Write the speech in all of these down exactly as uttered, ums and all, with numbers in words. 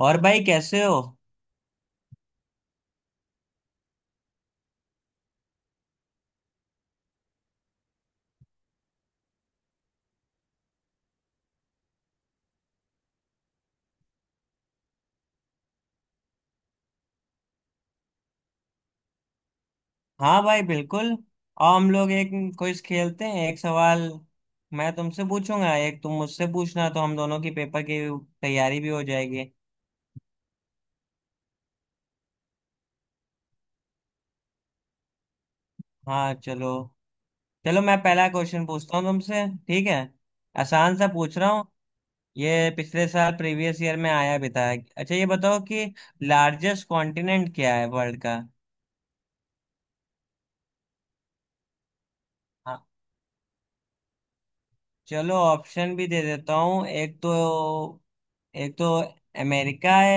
और भाई कैसे हो। हाँ भाई बिल्कुल। आओ हम लोग एक क्विज खेलते हैं। एक सवाल मैं तुमसे पूछूंगा, एक तुम मुझसे पूछना, तो हम दोनों की पेपर की तैयारी भी हो जाएगी। हाँ चलो। चलो मैं पहला क्वेश्चन पूछता हूँ तुमसे, ठीक है? आसान सा पूछ रहा हूँ। ये पिछले साल प्रीवियस ईयर में आया भी था। अच्छा ये बताओ कि लार्जेस्ट कॉन्टिनेंट क्या है वर्ल्ड का। हाँ, चलो ऑप्शन भी दे देता हूँ। एक तो एक तो अमेरिका है।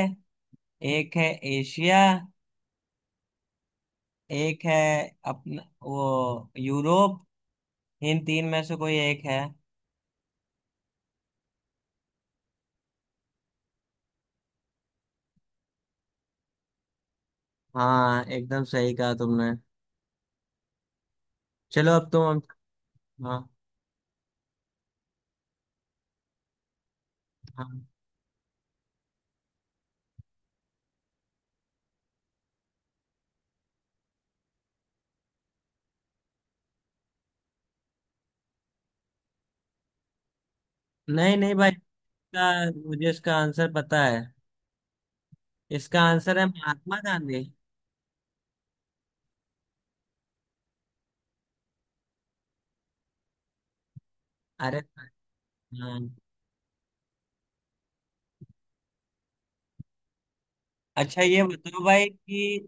एक है एशिया। एक है अपना वो, यूरोप। इन तीन में से कोई एक है। हाँ, एकदम सही कहा तुमने। चलो अब तुम। हाँ। हाँ, नहीं नहीं भाई, इसका मुझे इसका आंसर पता है। इसका आंसर है महात्मा गांधी। अरे हाँ। अच्छा ये बताओ भाई कि,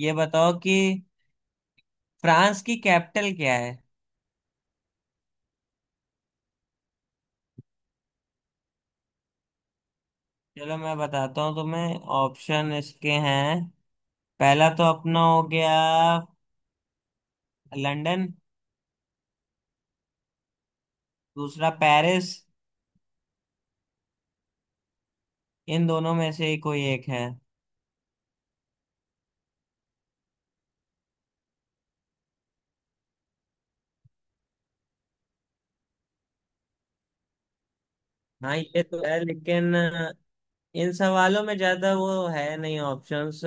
ये बताओ कि फ्रांस की कैपिटल क्या है। चलो मैं बताता हूँ तुम्हें, ऑप्शन इसके हैं। पहला तो अपना हो गया लंदन। दूसरा पेरिस। इन दोनों में से ही कोई एक है। हाँ ये तो है, लेकिन इन सवालों में ज्यादा वो है नहीं ऑप्शंस।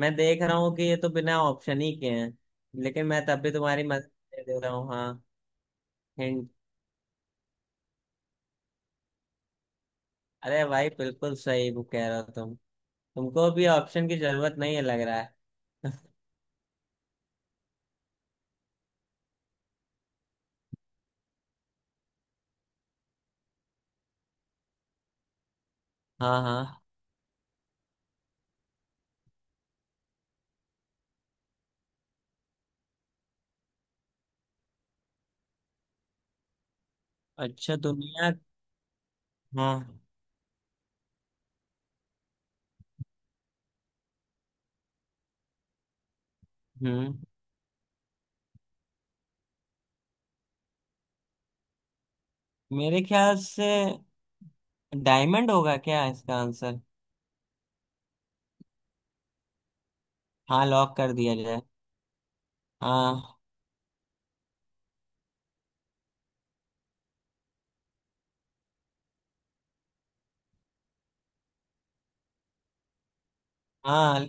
मैं देख रहा हूँ कि ये तो बिना ऑप्शन ही के हैं, लेकिन मैं तब भी तुम्हारी मदद ले दे रहा हूँ। हाँ, हिंट। अरे भाई बिल्कुल सही वो कह रहे हो तुम। तुमको भी ऑप्शन की जरूरत नहीं है लग रहा है। हाँ हाँ। अच्छा, दुनिया। हाँ। हम्म। मेरे ख्याल से डायमंड होगा क्या इसका आंसर? हाँ लॉक कर दिया जाए। हाँ हाँ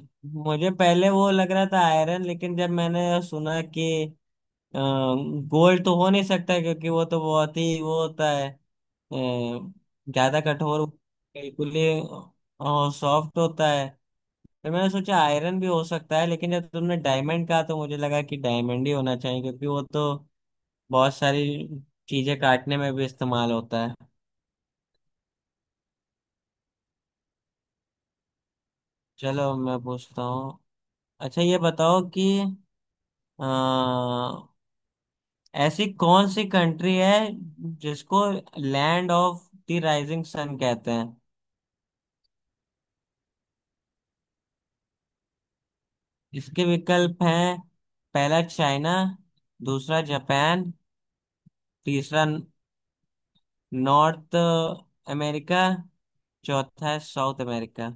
मुझे पहले वो लग रहा था आयरन, लेकिन जब मैंने सुना कि गोल्ड तो हो नहीं सकता क्योंकि वो तो बहुत ही वो होता है, अ, ज्यादा कठोर, बिल्कुल ही सॉफ्ट होता है। तो मैंने सोचा आयरन भी हो सकता है, लेकिन जब तुमने डायमंड कहा तो मुझे लगा कि डायमंड ही होना चाहिए क्योंकि वो तो बहुत सारी चीजें काटने में भी इस्तेमाल होता है। चलो मैं पूछता हूँ। अच्छा ये बताओ कि अ, ऐसी कौन सी कंट्री है जिसको land of the rising sun कहते हैं। इसके विकल्प हैं, पहला चाइना, दूसरा जापान, तीसरा नॉर्थ अमेरिका, चौथा है साउथ अमेरिका।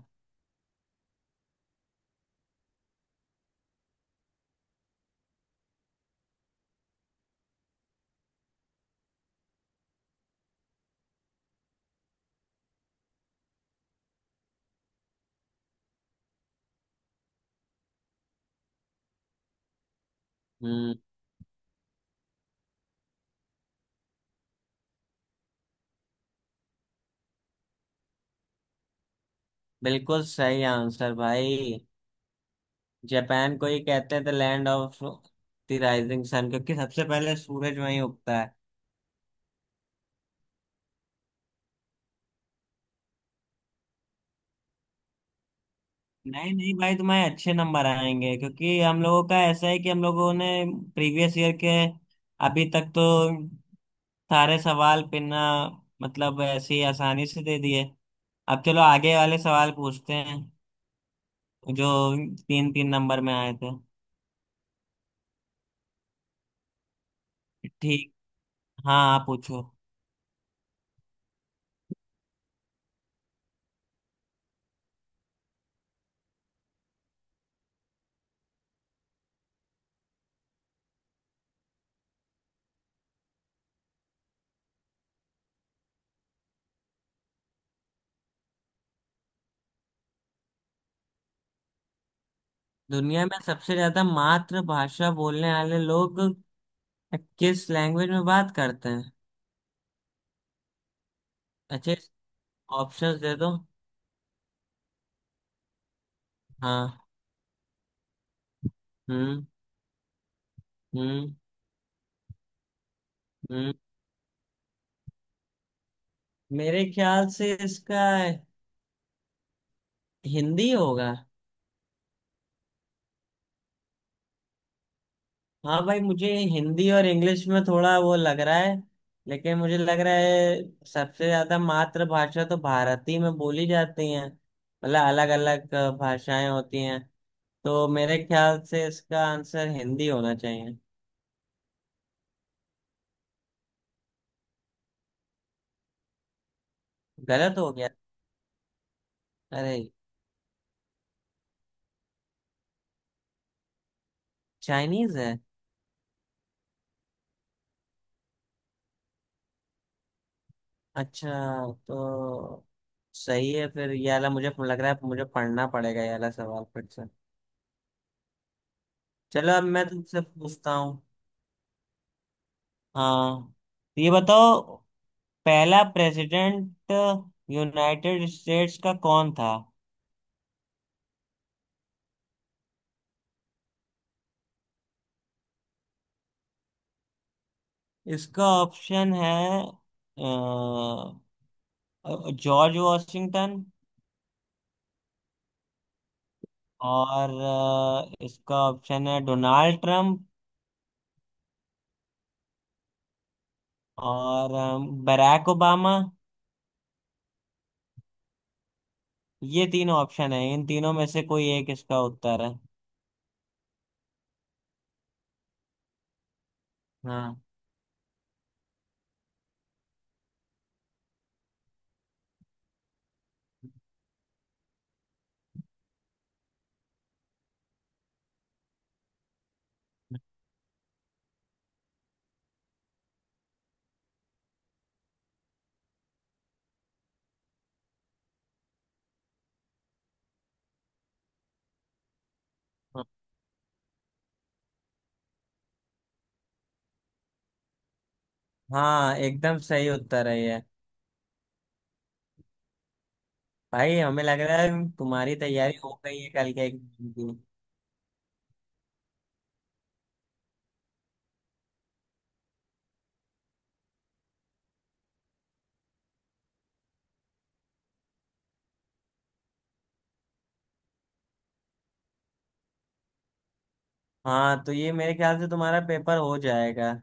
हम्म। बिल्कुल सही आंसर भाई। जापान को ही कहते हैं the land of the rising sun क्योंकि सबसे पहले सूरज वहीं उगता है। नहीं नहीं भाई, तुम्हारे अच्छे नंबर आएंगे क्योंकि हम लोगों का ऐसा है कि हम लोगों ने प्रीवियस ईयर के अभी तक तो सारे सवाल पिना, मतलब ऐसे ही आसानी से दे दिए। अब चलो आगे वाले सवाल पूछते हैं जो तीन तीन नंबर में आए थे। ठीक। हाँ आप पूछो। दुनिया में सबसे ज्यादा मातृभाषा बोलने वाले लोग किस लैंग्वेज में बात करते हैं? अच्छे ऑप्शंस दे दो। हाँ। हम्म। हम्म। हम्म। मेरे ख्याल से इसका हिंदी होगा। हाँ भाई, मुझे हिंदी और इंग्लिश में थोड़ा वो लग रहा है, लेकिन मुझे लग रहा है सबसे ज्यादा मातृभाषा तो भारती में बोली जाती है, मतलब अलग अलग भाषाएं होती हैं। तो मेरे ख्याल से इसका आंसर हिंदी होना चाहिए। गलत हो गया? अरे, चाइनीज है! अच्छा, तो सही है फिर। ये वाला मुझे लग रहा है मुझे पढ़ना पड़ेगा, ये वाला सवाल फिर से। चलो अब मैं तुमसे पूछता हूँ। हाँ। तो ये बताओ, पहला प्रेसिडेंट यूनाइटेड स्टेट्स का कौन था? इसका ऑप्शन है अ, जॉर्ज वॉशिंगटन। और अ, इसका ऑप्शन है डोनाल्ड ट्रंप। और अ, बराक ओबामा। ये तीन ऑप्शन है, इन तीनों में से कोई एक इसका उत्तर है। हाँ। हाँ एकदम सही उत्तर है ये। भाई हमें लग रहा है तुम्हारी तैयारी हो गई है कल के एग्जाम की। हाँ, तो ये मेरे ख्याल से तुम्हारा पेपर हो जाएगा।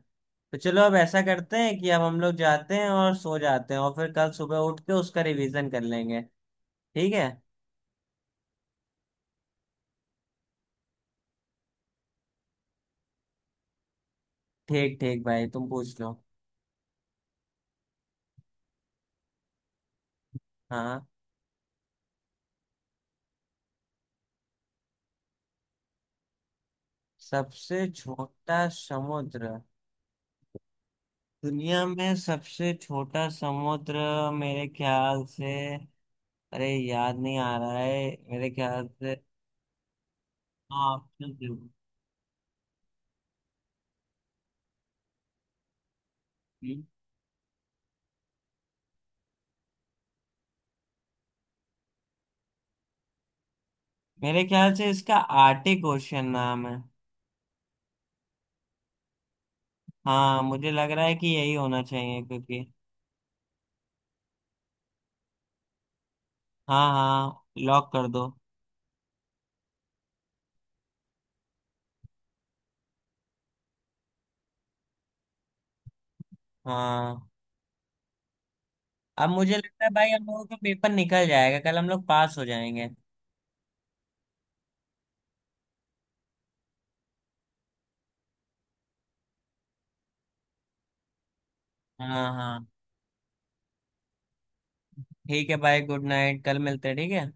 तो चलो अब ऐसा करते हैं कि अब हम लोग जाते हैं और सो जाते हैं, और फिर कल सुबह उठ के उसका रिवीजन कर लेंगे, ठीक है? ठीक ठीक भाई, तुम पूछ लो। हाँ। सबसे छोटा समुद्र। दुनिया में सबसे छोटा समुद्र, मेरे ख्याल से, अरे याद नहीं आ रहा है मेरे ख्याल से। हाँ, ऑप्शन दो। हम्म। मेरे ख्याल से इसका आर्टिक ओशन नाम है। हाँ मुझे लग रहा है कि यही होना चाहिए क्योंकि, हाँ हाँ लॉक कर दो। हाँ। अब मुझे लगता है भाई हम लोगों का पेपर निकल जाएगा कल, हम लोग पास हो जाएंगे। हाँ हाँ। ठीक है भाई, गुड नाइट, कल मिलते हैं, ठीक है?